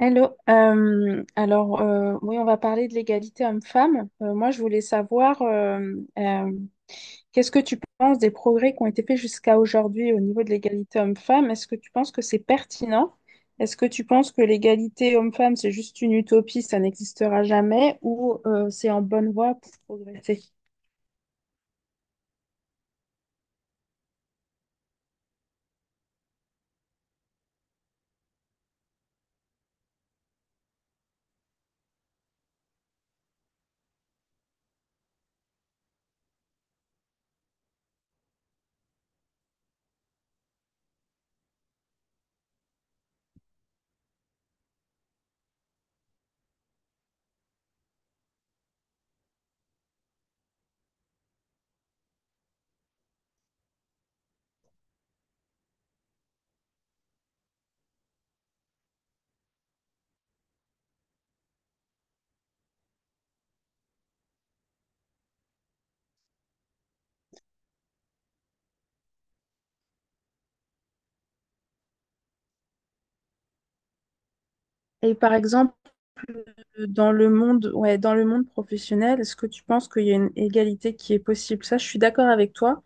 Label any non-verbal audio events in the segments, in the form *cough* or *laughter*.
Hello. Oui, on va parler de l'égalité homme-femme. Moi, je voulais savoir, euh, qu'est-ce que tu penses des progrès qui ont été faits jusqu'à aujourd'hui au niveau de l'égalité homme-femme? Est-ce que tu penses que c'est pertinent? Est-ce que tu penses que l'égalité homme-femme, c'est juste une utopie, ça n'existera jamais, ou c'est en bonne voie pour progresser? Et par exemple, dans le monde, ouais, dans le monde professionnel, est-ce que tu penses qu'il y a une égalité qui est possible? Ça, je suis d'accord avec toi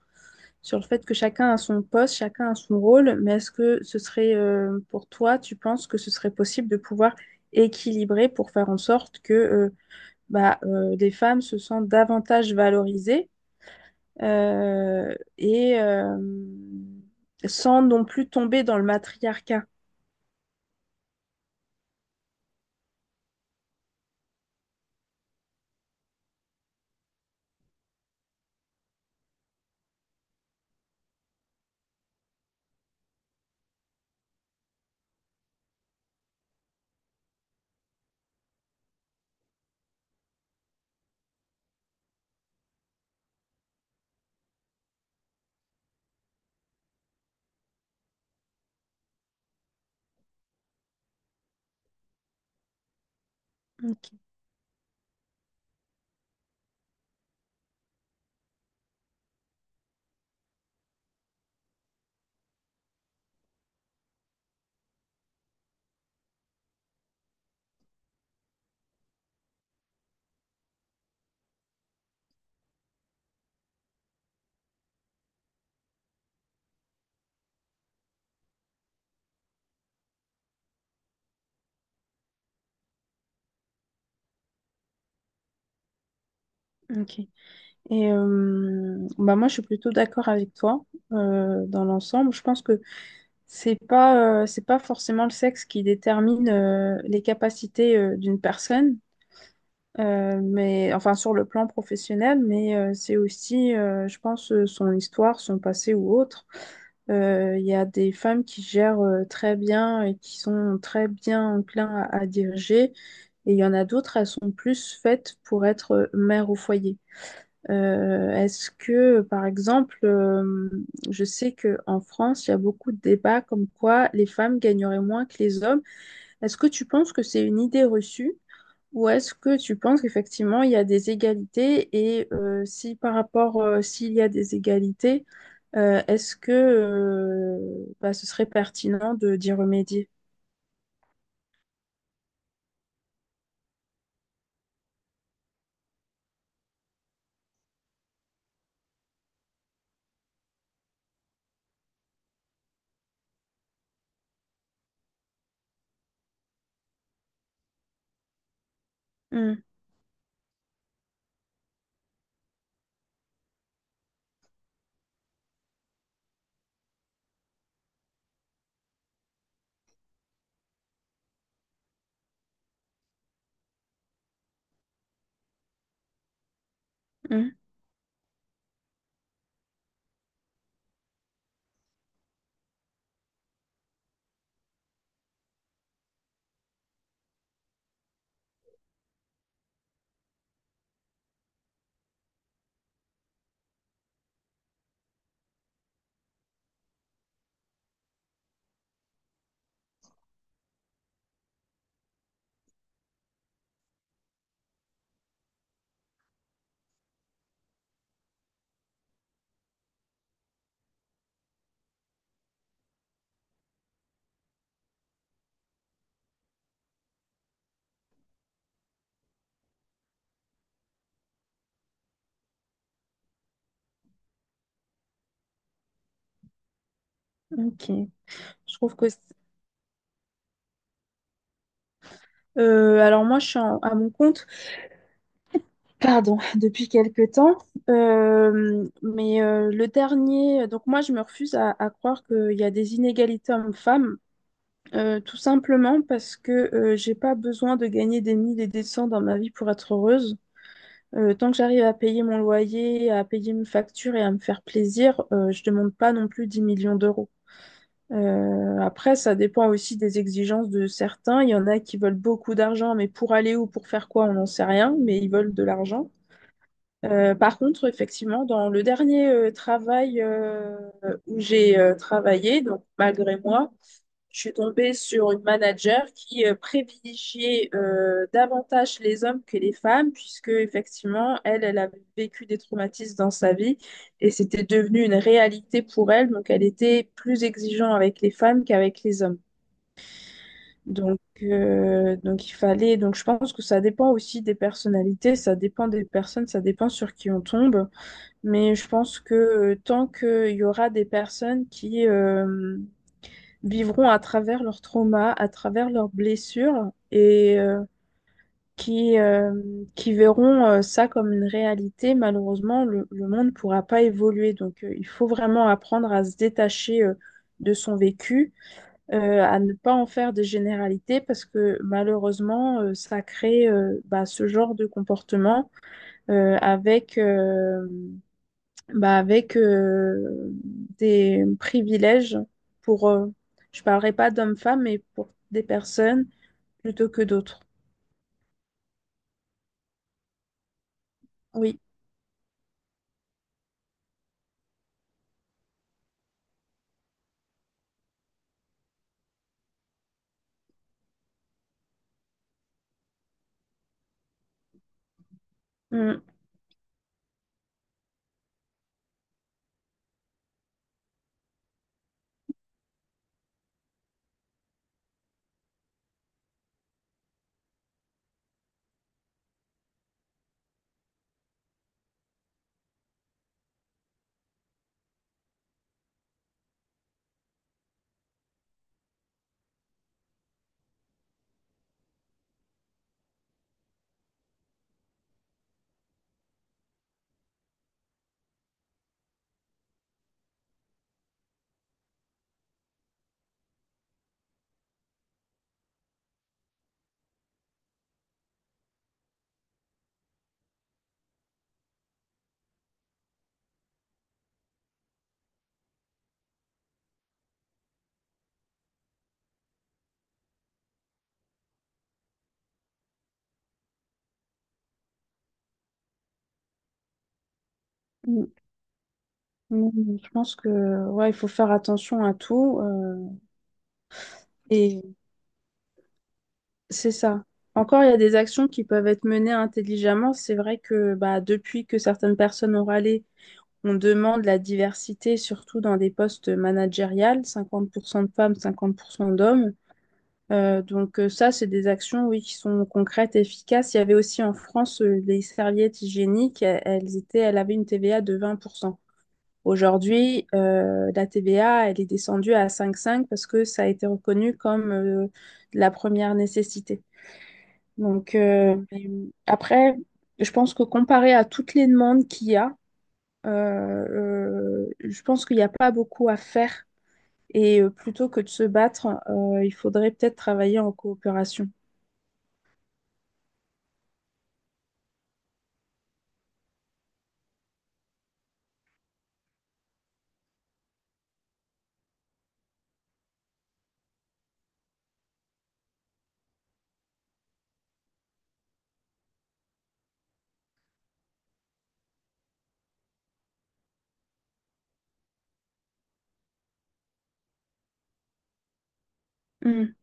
sur le fait que chacun a son poste, chacun a son rôle, mais est-ce que ce serait pour toi, tu penses que ce serait possible de pouvoir équilibrer pour faire en sorte que des femmes se sentent davantage valorisées euh, et euh, sans non plus tomber dans le matriarcat. Ok. Bah moi, je suis plutôt d'accord avec toi dans l'ensemble. Je pense que c'est pas forcément le sexe qui détermine les capacités d'une personne. Mais enfin sur le plan professionnel, c'est aussi, je pense, son histoire, son passé ou autre. Il y a des femmes qui gèrent très bien et qui sont très bien enclins à diriger, et il y en a d'autres, elles sont plus faites pour être mères au foyer. Est-ce que, par exemple, je sais qu'en France, il y a beaucoup de débats comme quoi les femmes gagneraient moins que les hommes. Est-ce que tu penses que c'est une idée reçue? Ou est-ce que tu penses qu'effectivement il y a des égalités et si par rapport s'il y a des égalités, est-ce que ce serait pertinent de d'y remédier? Hmm. Hmm. Ok. Je trouve que c'est- Alors moi je suis à mon compte, pardon, *laughs* depuis quelque temps. Le dernier, donc moi je me refuse à croire qu'il y a des inégalités hommes-femmes. Tout simplement parce que j'ai pas besoin de gagner des 1000 et des 100 dans ma vie pour être heureuse. Tant que j'arrive à payer mon loyer, à payer mes factures et à me faire plaisir, je demande pas non plus 10 millions d'euros. Après, ça dépend aussi des exigences de certains. Il y en a qui veulent beaucoup d'argent, mais pour aller où, pour faire quoi, on n'en sait rien, mais ils veulent de l'argent. Par contre, effectivement, dans le dernier travail où j'ai travaillé, donc malgré moi, je suis tombée sur une manager qui privilégiait davantage les hommes que les femmes, puisque effectivement, elle avait vécu des traumatismes dans sa vie et c'était devenu une réalité pour elle. Donc, elle était plus exigeante avec les femmes qu'avec les hommes. Donc il fallait. Donc, je pense que ça dépend aussi des personnalités, ça dépend des personnes, ça dépend sur qui on tombe. Mais je pense que tant qu'il y aura des personnes qui vivront à travers leurs traumas, à travers leurs blessures et qui, euh, qui verront ça comme une réalité. Malheureusement, le monde ne pourra pas évoluer. Donc, il faut vraiment apprendre à se détacher de son vécu, à ne pas en faire des généralités parce que malheureusement, ça crée ce genre de comportement euh, avec... euh, avec des privilèges pour, je parlerai pas d'hommes-femmes, mais pour des personnes plutôt que d'autres. Oui. Mm. Mm. Mm. Mm. Je pense que ouais, il faut faire attention à tout. Et c'est ça. Encore, il y a des actions qui peuvent être menées intelligemment. C'est vrai que depuis que certaines personnes ont râlé, on demande la diversité, surtout dans des postes managériels, 50% de femmes, 50% d'hommes. Donc ça, c'est des actions, oui, qui sont concrètes et efficaces. Il y avait aussi en France les serviettes hygiéniques, elles étaient, elles avaient une TVA de 20%. Aujourd'hui, la TVA, elle est descendue à 5,5 parce que ça a été reconnu comme de la première nécessité. Donc euh, après, je pense que comparé à toutes les demandes qu'il y a, je pense qu'il n'y a pas beaucoup à faire. Plutôt que de se battre, il faudrait peut-être travailler en coopération. Mm.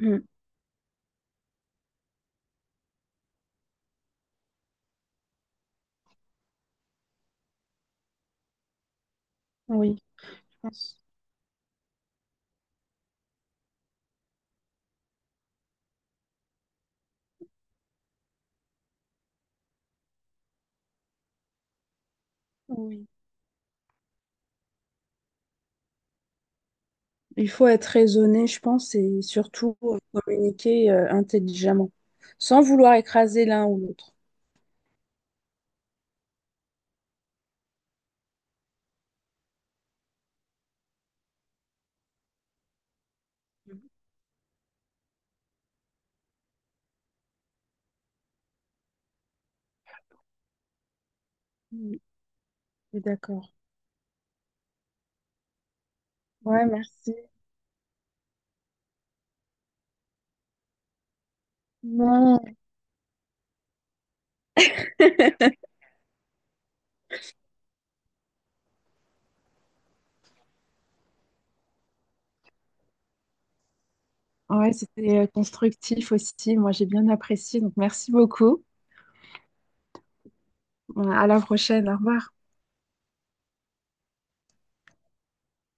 Mm. Oui, je pense. Oui. Il faut être raisonné, je pense, et surtout communiquer intelligemment, sans vouloir écraser l'un ou l'autre. Mm. Je suis d'accord. Ouais, merci. Non. Ouais, c'était constructif aussi. Moi, j'ai bien apprécié. Donc, merci beaucoup. À la prochaine. Au revoir.